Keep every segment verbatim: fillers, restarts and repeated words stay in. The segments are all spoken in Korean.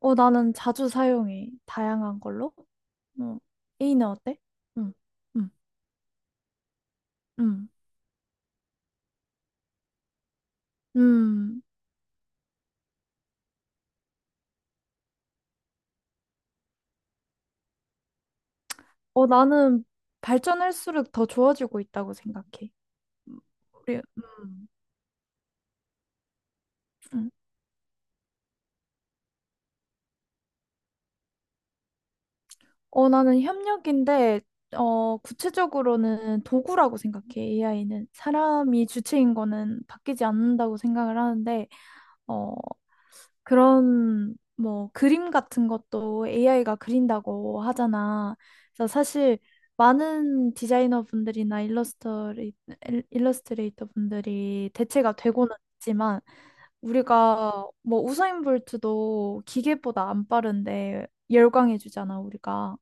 어, 나는 자주 사용해. 다양한 걸로. 어, A는 어때? 응, 응, 응, 음. 어, 나는 발전할수록 더 좋아지고 있다고 생각해. 음, 우리, 음, 응. 어, 나는 협력인데, 어, 구체적으로는 도구라고 생각해. 에이아이는 사람이 주체인 거는 바뀌지 않는다고 생각을 하는데, 어, 그런 뭐 그림 같은 것도 에이아이가 그린다고 하잖아. 그래서 사실 많은 디자이너 분들이나 일러스트레이, 일러스트레이터 분들이 대체가 되고는 있지만 우리가 뭐 우사인볼트도 기계보다 안 빠른데 열광해주잖아 우리가.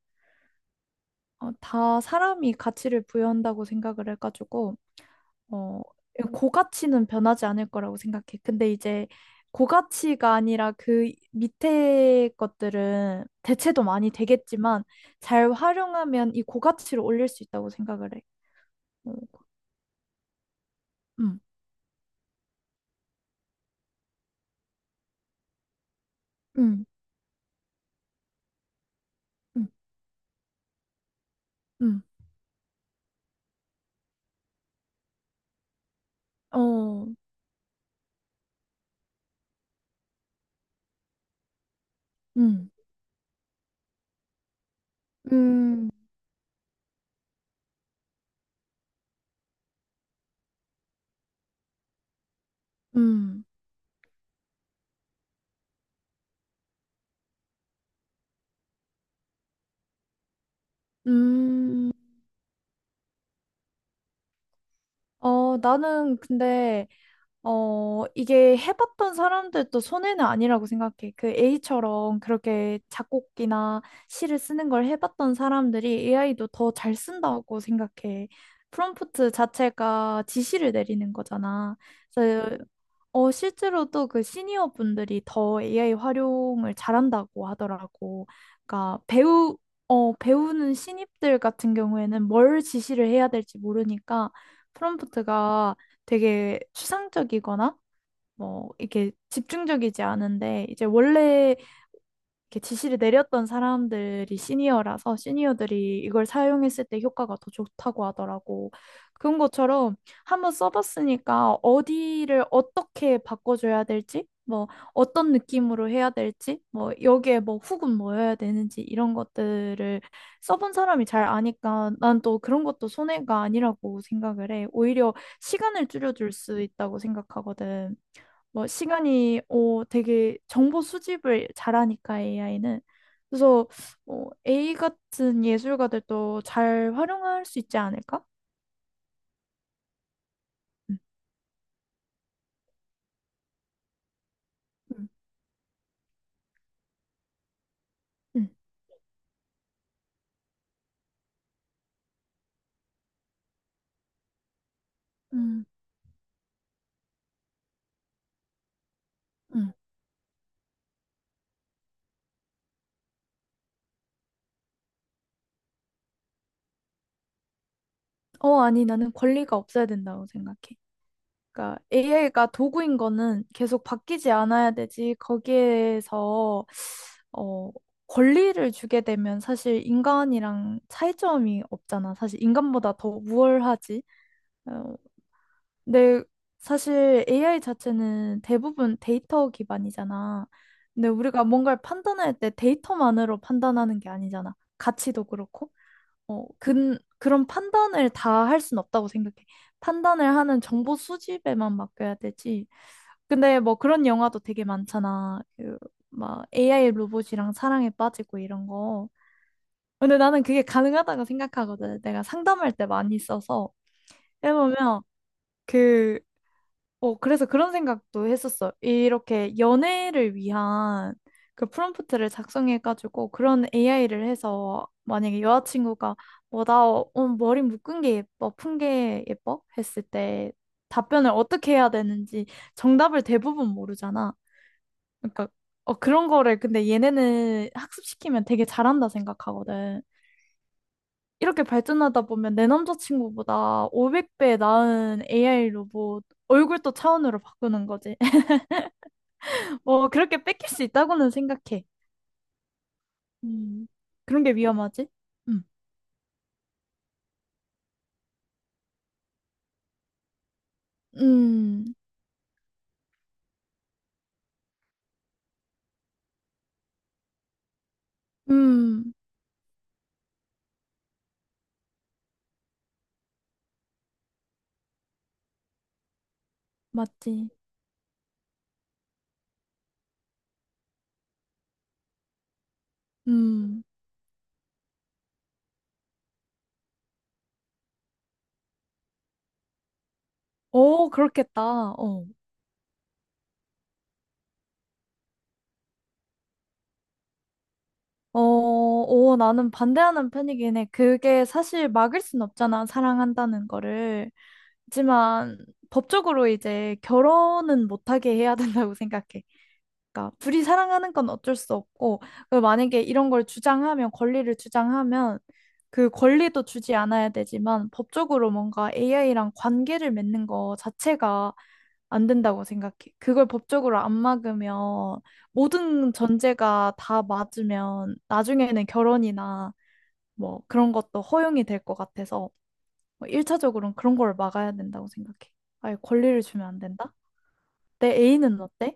어, 다 사람이 가치를 부여한다고 생각을 해가지고 어, 고가치는 변하지 않을 거라고 생각해. 근데 이제 고가치가 아니라 그 밑에 것들은 대체도 많이 되겠지만 잘 활용하면 이 고가치를 올릴 수 있다고 생각을 해. 어, 음, 음, 음, 음, 어, 음, 음, 음, 음. 어, 나는 근데 어, 이게 해봤던 사람들도 손해는 아니라고 생각해. 그 A처럼 그렇게 작곡이나 시를 쓰는 걸 해봤던 사람들이 에이아이도 더 잘 쓴다고 생각해. 프롬프트 자체가 지시를 내리는 거잖아. 그래서 어, 실제로 또 그 시니어 분들이 더 에이아이 활용을 잘한다고 하더라고. 그러니까 배우, 어, 배우는 신입들 같은 경우에는 뭘 지시를 해야 될지 모르니까 프롬프트가 되게 추상적이거나 뭐 이렇게 집중적이지 않은데 이제 원래 이렇게 지시를 내렸던 사람들이 시니어라서 시니어들이 이걸 사용했을 때 효과가 더 좋다고 하더라고. 그런 것처럼 한 번 써봤으니까 어디를 어떻게 바꿔줘야 될지, 뭐 어떤 느낌으로 해야 될지, 뭐 여기에 뭐 훅은 뭐여야 되는지 이런 것들을 써본 사람이 잘 아니까 난 또 그런 것도 손해가 아니라고 생각을 해. 오히려 시간을 줄여줄 수 있다고 생각하거든. 뭐 시간이 어 되게 정보 수집을 잘하니까 에이아이는 그래서 어, A 같은 예술가들도 잘 활용할 수 있지 않을까? 음, 음, 음, 음, 음. 어 아니 나는 권리가 없어야 된다고 생각해. 그러니까 에이아이가 도구인 거는 계속 바뀌지 않아야 되지. 거기에서 어 권리를 주게 되면 사실 인간이랑 차이점이 없잖아. 사실 인간보다 더 우월하지. 어, 근데 사실 에이아이 자체는 대부분 데이터 기반이잖아. 근데 우리가 뭔가를 판단할 때 데이터만으로 판단하는 게 아니잖아. 가치도 그렇고. 어, 근, 그런 판단을 다 할 순 없다고 생각해. 판단을 하는 정보 수집에만 맡겨야 되지. 근데 뭐 그런 영화도 되게 많잖아. 그, 막 에이아이 로봇이랑 사랑에 빠지고 이런 거. 근데 나는 그게 가능하다고 생각하거든. 내가 상담할 때 많이 써서 해보면 그... 어, 그래서 그런 생각도 했었어. 이렇게 연애를 위한 그 프롬프트를 작성해가지고 그런 에이아이를 해서 만약에 여자친구가 뭐, 나 어, 오늘 머리 묶은 게 예뻐, 푼 게 예뻐? 했을 때 답변을 어떻게 해야 되는지 정답을 대부분 모르잖아. 그러니까 어, 그런 거를 근데 얘네는 학습시키면 되게 잘한다 생각하거든. 이렇게 발전하다 보면 내 남자친구보다 오백 배 나은 에이아이 로봇 얼굴도 차원으로 바꾸는 거지. 어, 그렇게 뺏길 수 있다고는 생각해. 음, 그런 게 위험하지? 음, 음, 음, 맞지. 음, 오, 그렇겠다. 어, 어, 오, 나는 반대하는 편이긴 해. 그게 사실 막을 순 없잖아, 사랑한다는 거를. 하지만 법적으로 이제 결혼은 못하게 해야 된다고 생각해. 그러니까 둘이 사랑하는 건 어쩔 수 없고, 그리고 만약에 이런 걸 주장하면, 권리를 주장하면 그 권리도 주지 않아야 되지만 법적으로 뭔가 에이아이랑 관계를 맺는 거 자체가 안 된다고 생각해. 그걸 법적으로 안 막으면 모든 전제가 다 맞으면 나중에는 결혼이나 뭐 그런 것도 허용이 될 것 같아서 뭐 일 차적으로는 그런 걸 막아야 된다고 생각해. 아예 권리를 주면 안 된다? 내 애인은 어때?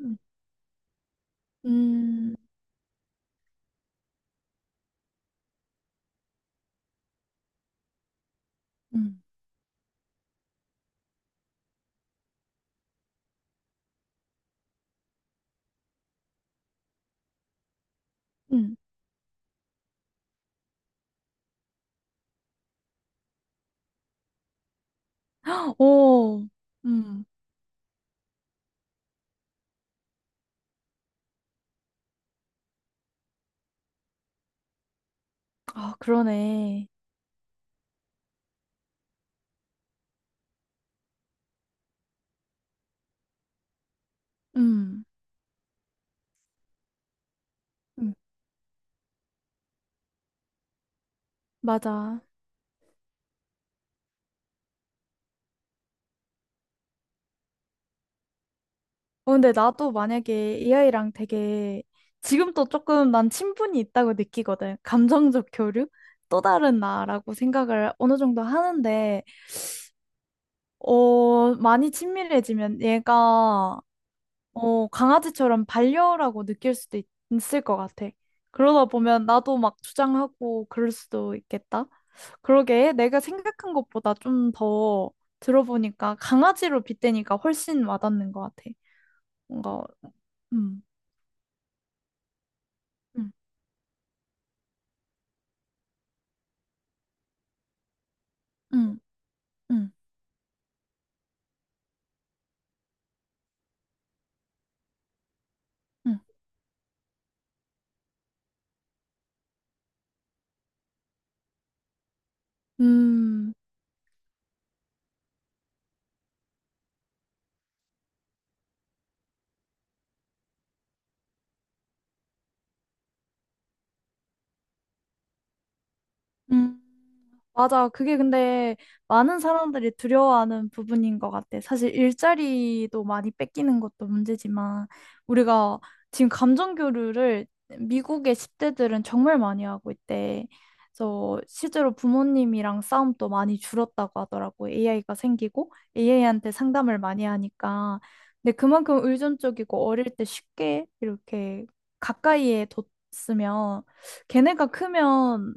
음, 음, 음, 음. 헉, 오, 음. 아, 그러네. 음, 음. 맞아. 어, 근데 나도 만약에 에이아이랑 되게 지금도 조금 난 친분이 있다고 느끼거든. 감정적 교류? 또 다른 나라고 생각을 어느 정도 하는데, 어, 많이 친밀해지면 얘가, 어, 강아지처럼 반려라고 느낄 수도 있, 을것 같아. 그러다 보면 나도 막 주장하고 그럴 수도 있겠다. 그러게 내가 생각한 것보다 좀 더 들어보니까 강아지로 빗대니까 훨씬 와닿는 것 같아. 뭔가, 음. 음. 음. 응, 응. 음, 음. 맞아. 그게 근데 많은 사람들이 두려워하는 부분인 것 같아. 사실 일자리도 많이 뺏기는 것도 문제지만 우리가 지금 감정 교류를 미국의 십 대들은 정말 많이 하고 있대. 그래서 실제로 부모님이랑 싸움도 많이 줄었다고 하더라고. 에이아이가 생기고 에이아이한테 상담을 많이 하니까. 근데 그만큼 의존적이고 어릴 때 쉽게 이렇게 가까이에 뒀으면 걔네가 크면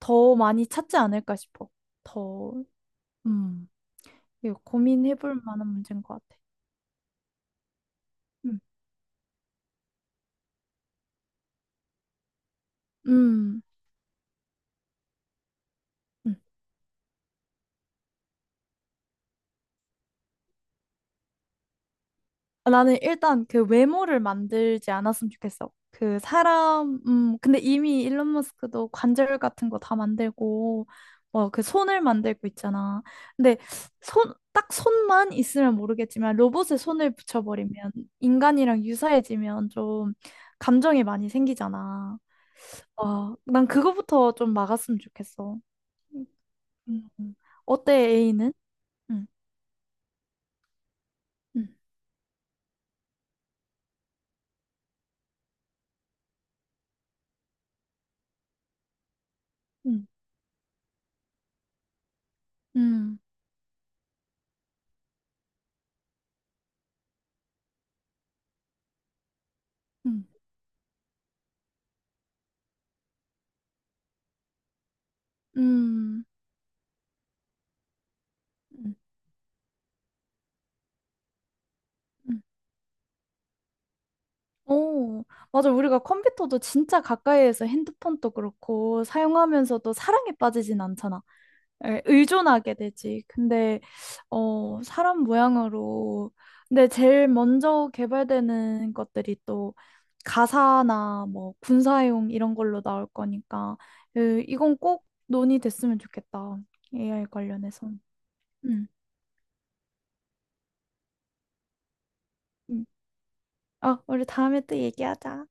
더 많이 찾지 않을까 싶어. 더, 음, 이거 고민해볼 만한 문제인 것 같아. 음, 음, 음. 아, 나는 일단 그 외모를 만들지 않았으면 좋겠어. 그 사람, 음, 근데 이미 일론 머스크도 관절 같은 거 다 만들고, 뭐 그 손을 만들고 있잖아. 근데 손, 딱 손만 있으면 모르겠지만 로봇에 손을 붙여버리면 인간이랑 유사해지면 좀 감정이 많이 생기잖아. 와, 난 그거부터 좀 막았으면 좋겠어. 음. 어때, A는? 응, 응, 응, 응, 응, 응, 응, 음. 오, 맞아. 우리가 컴퓨터도 진짜 가까이에서 핸드폰도 그렇고 사용하면서도 사랑에 빠지진 않잖아. 에, 의존하게 되지. 근데, 어, 사람 모양으로. 근데 제일 먼저 개발되는 것들이 또 가사나 뭐 군사용 이런 걸로 나올 거니까, 으, 이건 꼭 논의됐으면 좋겠다. 에이아이 관련해서. 응. 응. 어, 우리 다음에 또 얘기하자.